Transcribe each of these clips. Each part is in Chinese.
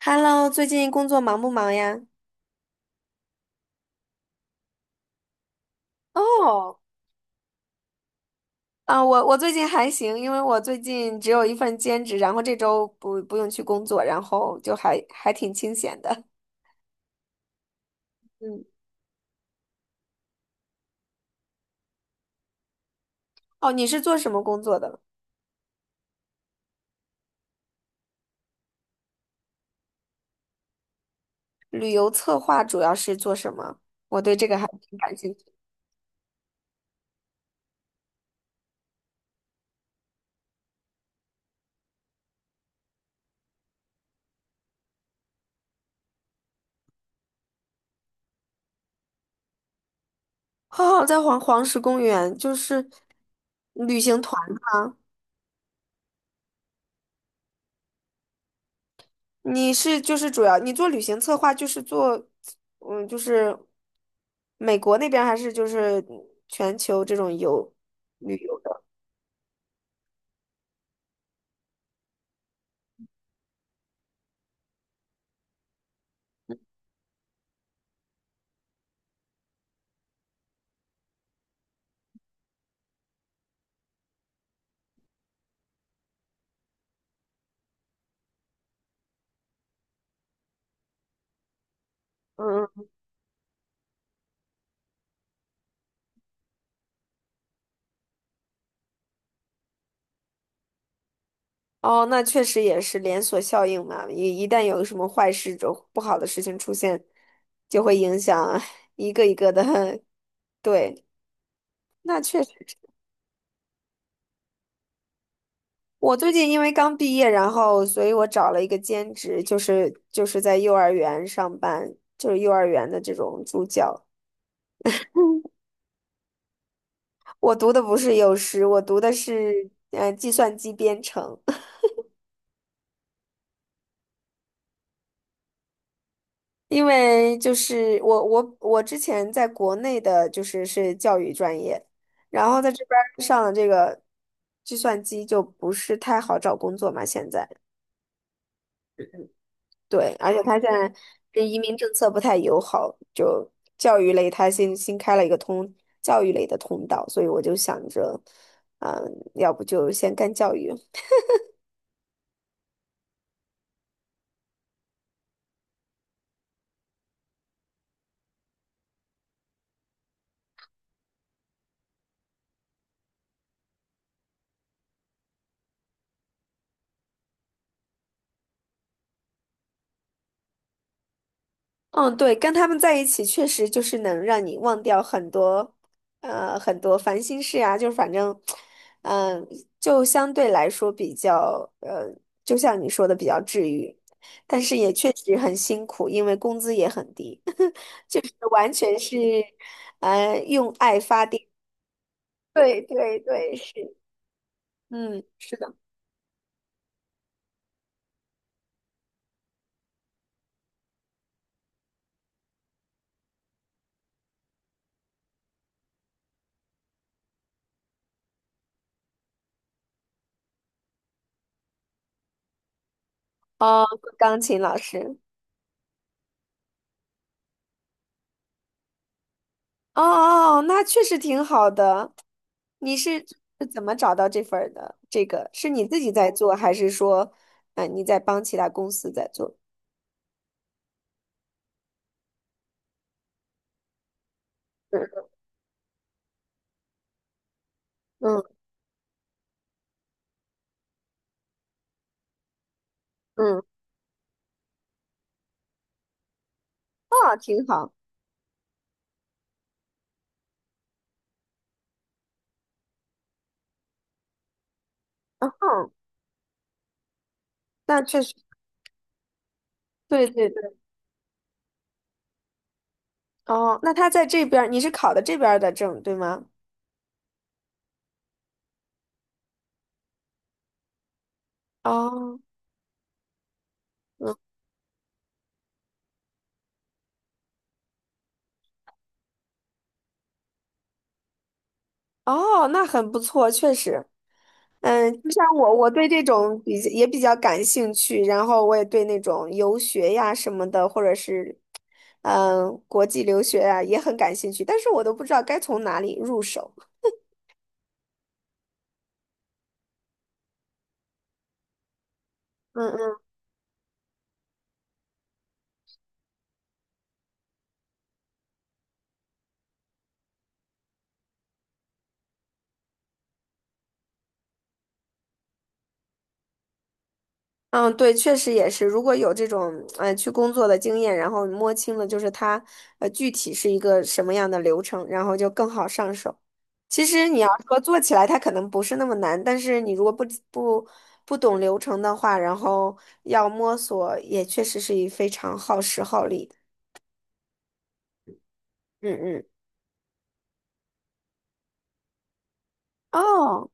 Hello，最近工作忙不忙呀？哦，啊，我最近还行，因为我最近只有一份兼职，然后这周不用去工作，然后就还挺清闲的。嗯。 哦，你是做什么工作的？旅游策划主要是做什么？我对这个还挺感兴趣。哦，在黄石公园，就是旅行团。你是就是主要你做旅行策划，就是做，嗯，就是美国那边儿还是就是全球这种游旅游的？嗯，嗯。哦，那确实也是连锁效应嘛，一旦有什么坏事、就，不好的事情出现，就会影响一个一个的。对，那确实是。我最近因为刚毕业，然后所以我找了一个兼职，就是在幼儿园上班，就是幼儿园的这种助教。我读的不是幼师，我读的是计算机编程。因为就是我之前在国内的就是是教育专业，然后在这边儿上了这个计算机就不是太好找工作嘛。现在对，而且他现在这移民政策不太友好，就教育类他新开了一个教育类的通道，所以我就想着，嗯，要不就先干教育。嗯，对，跟他们在一起确实就是能让你忘掉很多，很多烦心事啊，就是反正，嗯、就相对来说比较，呃，就像你说的比较治愈，但是也确实很辛苦，因为工资也很低。就是完全是，用爱发电。对对对，是，嗯，是的，哦，钢琴老师。哦哦，哦，那确实挺好的。你是怎么找到这份儿的？这个是你自己在做，还是说，你在帮其他公司在做？嗯嗯嗯，哦，挺好。嗯哼，那确实，对对对。哦，那他在这边儿，你是考的这边儿的证，对吗？哦，嗯，哦，那很不错，确实。嗯，就像我对这种比也比较感兴趣，然后我也对那种游学呀什么的，或者是国际留学呀也很感兴趣，但是我都不知道该从哪里入手。嗯嗯，对，确实也是。如果有这种去工作的经验，然后摸清了就是它具体是一个什么样的流程，然后就更好上手。其实你要说做起来，它可能不是那么难，但是你如果不不不懂流程的话，然后要摸索，也确实是非常耗时耗力的。嗯嗯，哦。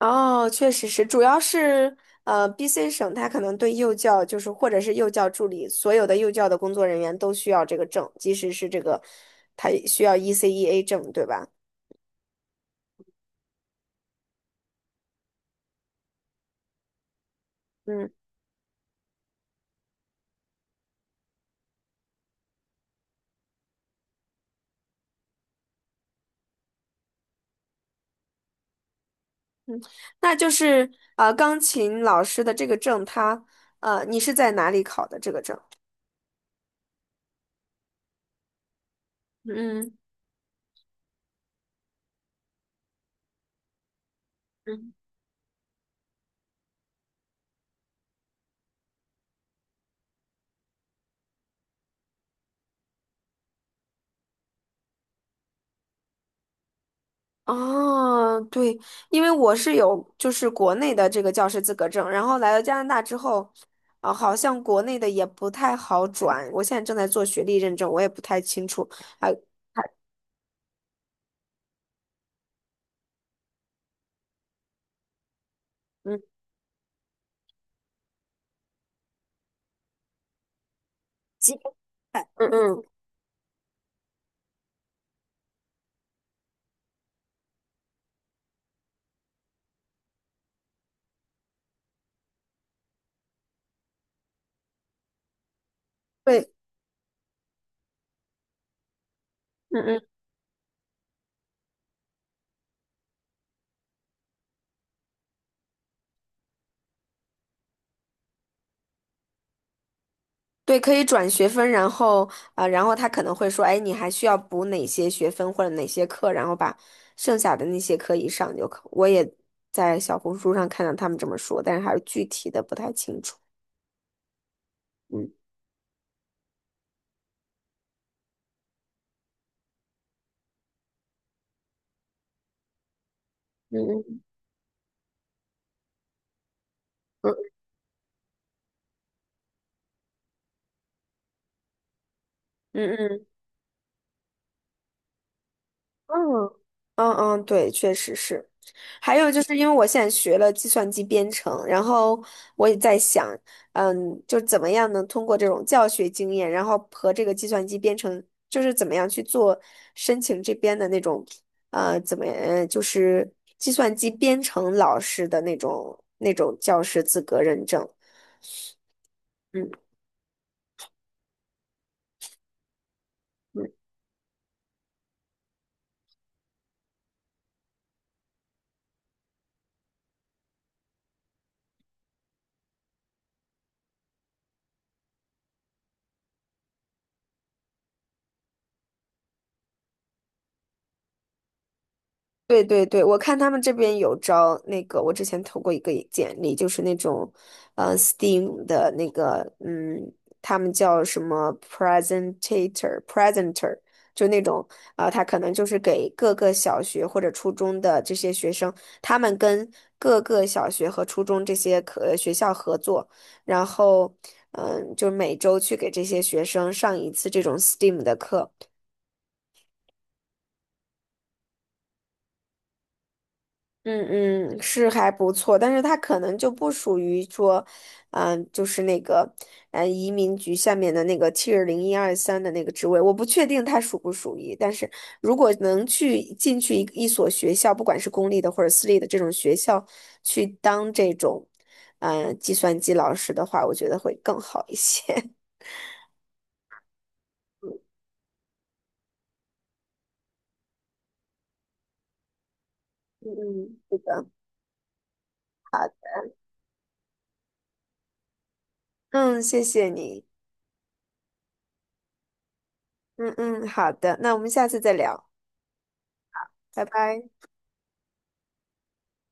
哦，确实是，主要是BC 省它可能对幼教就是或者是幼教助理，所有的幼教的工作人员都需要这个证，即使是这个，它需要 ECEA 证，对吧？嗯，那就是钢琴老师的这个证，它你是在哪里考的这个证？嗯嗯。哦，对，因为我是有就是国内的这个教师资格证，然后来到加拿大之后，好像国内的也不太好转。我现在正在做学历认证，我也不太清楚。啊，嗯积分制，嗯嗯，对，嗯嗯，对，可以转学分，然后他可能会说，哎，你还需要补哪些学分或者哪些课，然后把剩下的那些课一上就可。我也在小红书上看到他们这么说，但是还是具体的不太清楚。嗯嗯嗯嗯嗯嗯。嗯嗯嗯，对，确实是。还有就是因为我现在学了计算机编程，然后我也在想，嗯，就怎么样能通过这种教学经验，然后和这个计算机编程，就是怎么样去做申请这边的那种，怎么，就是计算机编程老师的那种教师资格认证。嗯。嗯，对对对，我看他们这边有招那个，我之前投过一个简历，就是那种，Steam 的那个，嗯，他们叫什么 presenter,就那种，他可能就是给各个小学或者初中的这些学生，他们跟各个小学和初中这些学校合作，然后，嗯，就每周去给这些学生上一次这种 STEAM 的课。嗯嗯，是还不错，但是它可能就不属于说，就是那个，移民局下面的那个 Tier 零一二三的那个职位，我不确定它属不属于。但是如果能去进去一所学校，不管是公立的或者私立的这种学校，去当这种，计算机老师的话，我觉得会更好一些。嗯嗯，是的，嗯，谢谢你，嗯嗯，好的，那我们下次再聊，拜拜。